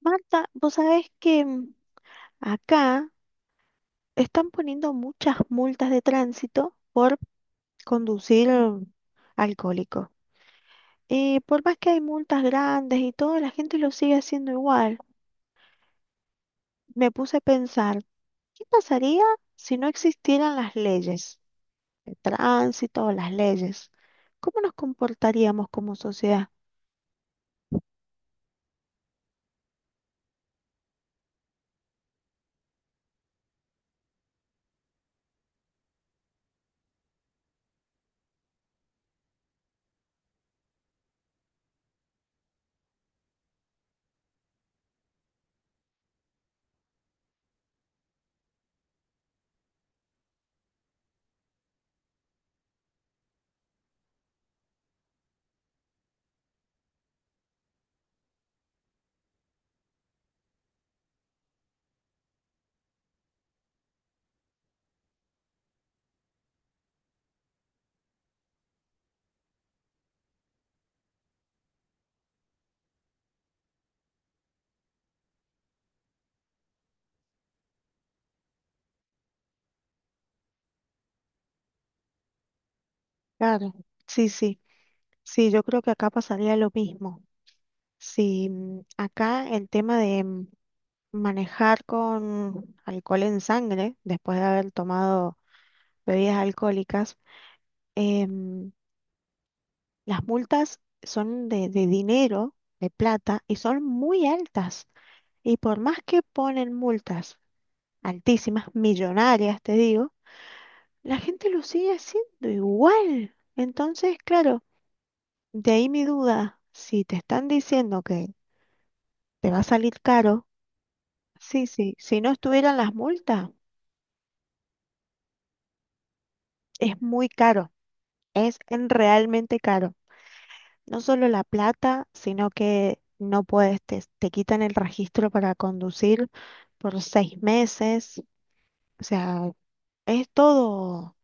Marta, vos sabés que acá están poniendo muchas multas de tránsito por conducir alcohólico. Y por más que hay multas grandes y todo, la gente lo sigue haciendo igual. Me puse a pensar, ¿qué pasaría si no existieran las leyes de tránsito o las leyes? ¿Cómo nos comportaríamos como sociedad? Claro, sí, sí, sí, yo creo que acá pasaría lo mismo. Si acá el tema de, manejar con alcohol en sangre después de haber tomado bebidas alcohólicas, em, las multas son de dinero, de plata, y son muy altas. Y por más que ponen multas altísimas, millonarias, te digo, la gente lo sigue haciendo igual. Entonces, claro, de ahí mi duda, si te están diciendo que te va a salir caro, sí, sí, si no estuvieran las multas, es muy caro, es realmente caro. No solo la plata, sino que no puedes, te quitan el registro para conducir por 6 meses. O sea, es todo,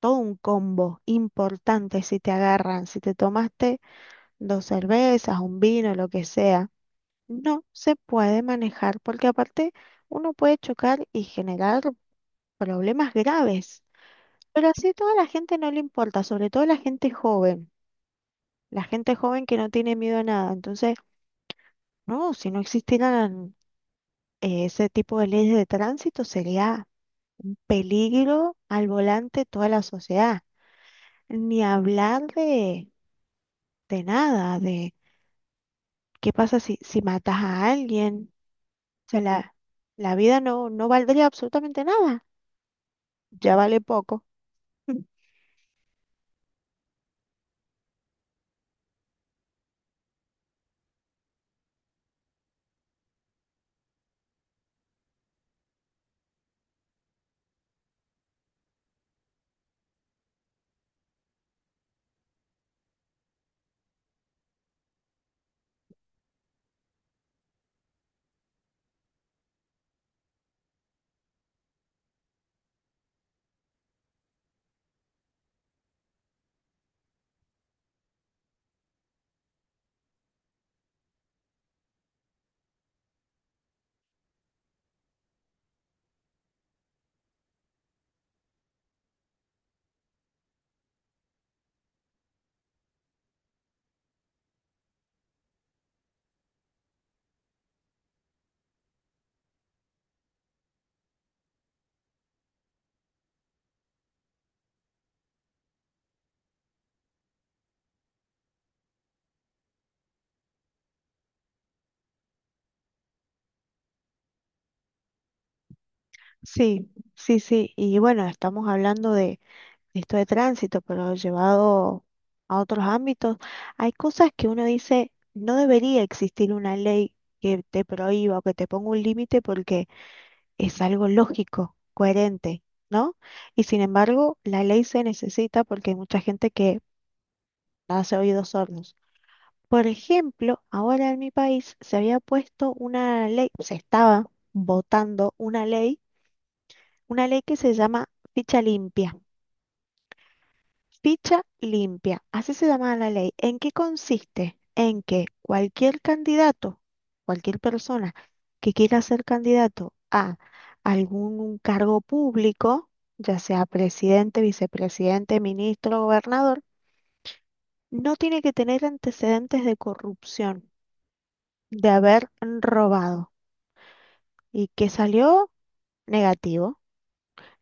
todo un combo importante si te agarran, si te tomaste 2 cervezas, un vino, lo que sea. No se puede manejar porque aparte uno puede chocar y generar problemas graves. Pero así toda la gente no le importa, sobre todo la gente joven que no tiene miedo a nada. Entonces, no, si no existieran ese tipo de leyes de tránsito, sería un peligro al volante toda la sociedad. Ni hablar de nada, de qué pasa si, si matas a alguien. O sea, la vida no valdría absolutamente nada. Ya vale poco. Sí, sí, sí. Y bueno, estamos hablando de esto de tránsito, pero llevado a otros ámbitos, hay cosas que uno dice, no debería existir una ley que te prohíba o que te ponga un límite porque es algo lógico, coherente, ¿no? Y sin embargo, la ley se necesita porque hay mucha gente que hace oídos sordos. Por ejemplo, ahora en mi país se había puesto una ley, se estaba votando una ley que se llama ficha limpia. Ficha limpia, así se llama la ley. ¿En qué consiste? En que cualquier candidato, cualquier persona que quiera ser candidato a algún cargo público, ya sea presidente, vicepresidente, ministro, gobernador, no tiene que tener antecedentes de corrupción, de haber robado y que salió negativo.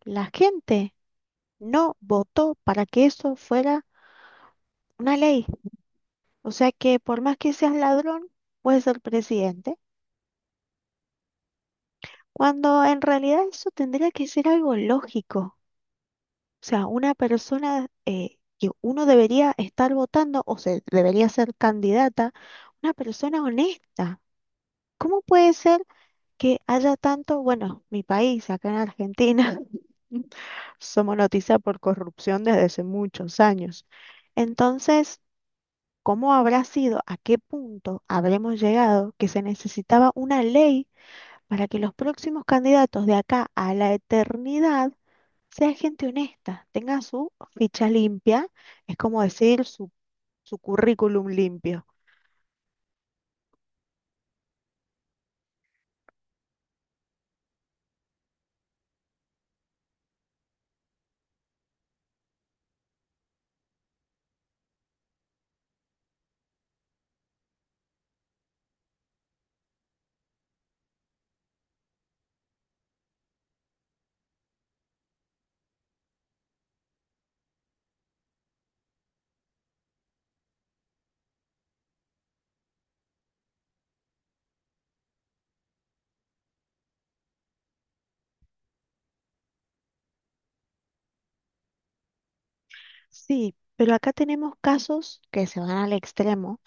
La gente no votó para que eso fuera una ley. O sea que por más que seas ladrón, puedes ser presidente, cuando en realidad eso tendría que ser algo lógico. O sea, una persona que uno debería estar votando o se debería ser candidata, una persona honesta. ¿Cómo puede ser que haya tanto, bueno, mi país, acá en Argentina, somos noticia por corrupción desde hace muchos años? Entonces, ¿cómo habrá sido, a qué punto habremos llegado que se necesitaba una ley para que los próximos candidatos de acá a la eternidad sea gente honesta, tenga su ficha limpia, es como decir su currículum limpio? Sí, pero acá tenemos casos que se van al extremo.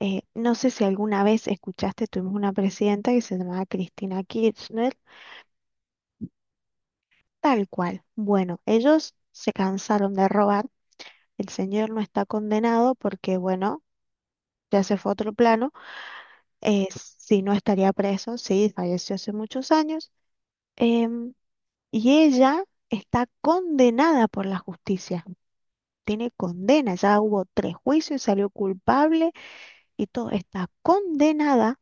No sé si alguna vez escuchaste, tuvimos una presidenta que se llamaba Cristina Kirchner, tal cual. Bueno, ellos se cansaron de robar, el señor no está condenado porque, bueno, ya se fue a otro plano, eh, si no estaría preso, sí, falleció hace muchos años, em, y ella está condenada por la justicia, tiene condena, ya hubo 3 juicios, salió culpable y todo, está condenada,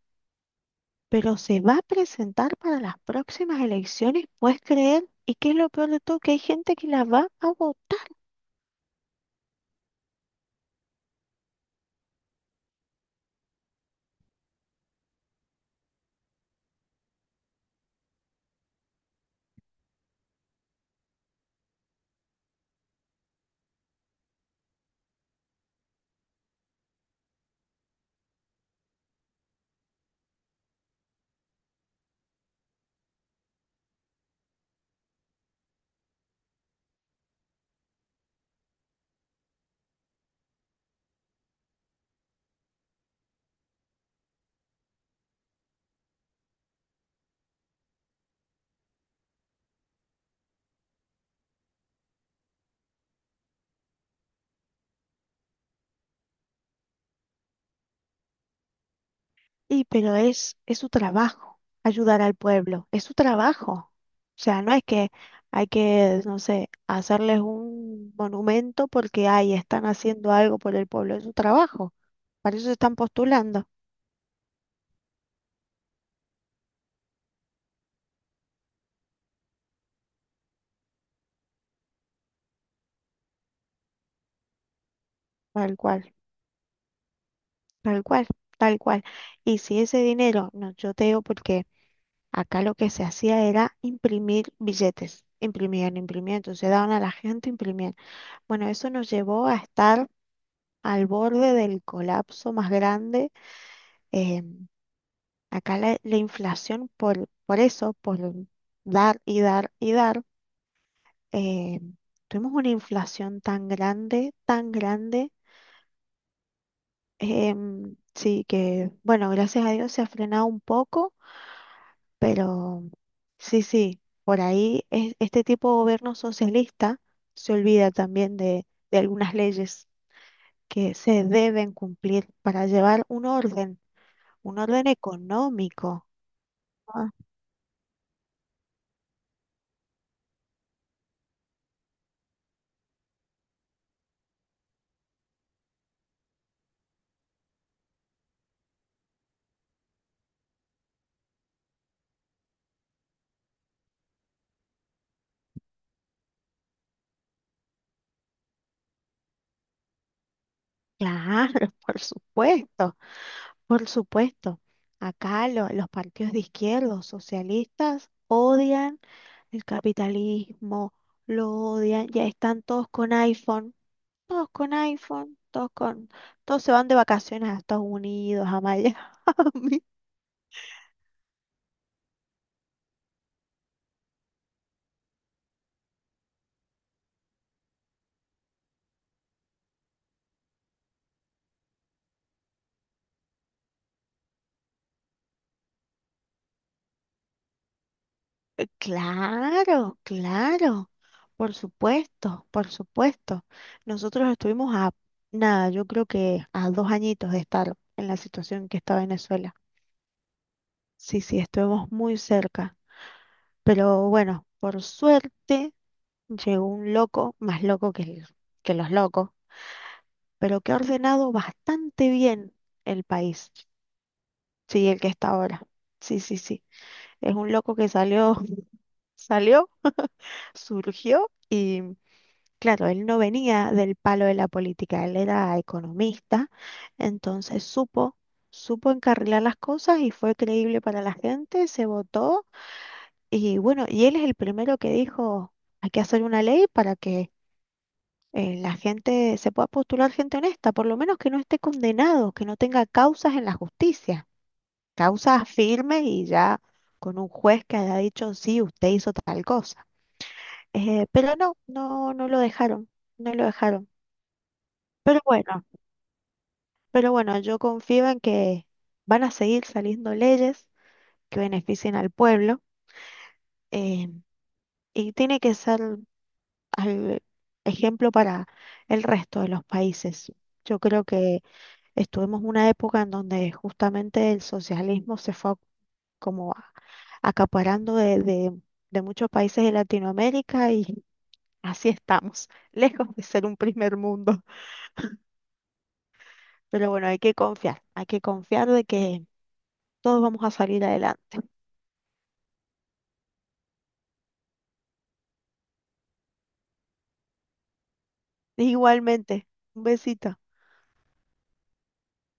pero se va a presentar para las próximas elecciones, ¿puedes creer? ¿Y qué es lo peor de todo? Que hay gente que la va a votar. Y pero es su trabajo ayudar al pueblo, es su trabajo. O sea, no es que hay que, no sé, hacerles un monumento porque ahí están haciendo algo por el pueblo, es su trabajo. Para eso se están postulando, tal cual, tal cual, tal cual. Y si ese dinero, no, yo te digo porque acá lo que se hacía era imprimir billetes, imprimían, imprimían, entonces daban a la gente, imprimían. Bueno, eso nos llevó a estar al borde del colapso más grande. eh, Acá la inflación, por eso, por dar y dar y dar, eh, tuvimos una inflación tan grande, sí que, bueno, gracias a Dios se ha frenado un poco, pero sí, sí, por ahí este tipo de gobierno socialista se olvida también de algunas leyes que se deben cumplir para llevar un orden económico. Ah, claro, por supuesto. Por supuesto, acá los partidos de izquierda, los socialistas, odian el capitalismo, lo odian, ya están todos con iPhone, todos con iPhone, todos con, todos se van de vacaciones a Estados Unidos, a Miami. Claro, claro, por supuesto, por supuesto. Nosotros estuvimos a nada, yo creo que a 2 añitos de estar en la situación que está Venezuela. Sí, sí, estuvimos muy cerca. Pero bueno, por suerte llegó un loco, más loco que, que los locos, pero que ha ordenado bastante bien el país. Sí, el que está ahora. Sí, sí, sí. Es un loco que salió, salió, surgió y claro, él no venía del palo de la política, él era economista, entonces supo, supo encarrilar las cosas y fue creíble para la gente, se votó y bueno, y él es el primero que dijo, hay que hacer una ley para que la gente se pueda postular gente honesta, por lo menos que no esté condenado, que no tenga causas en la justicia, causas firmes y ya con un juez que haya dicho, sí, usted hizo tal cosa. Pero no, no, no lo dejaron, no lo dejaron. Pero bueno, pero bueno, yo confío en que van a seguir saliendo leyes que beneficien al pueblo, eh, y tiene que ser al- ejemplo para el resto de los países. Yo creo que estuvimos una época en donde justamente el socialismo se fue como acaparando de muchos países de Latinoamérica y así estamos, lejos de ser un primer mundo. Pero bueno, hay que confiar de que todos vamos a salir adelante. Igualmente, un besito.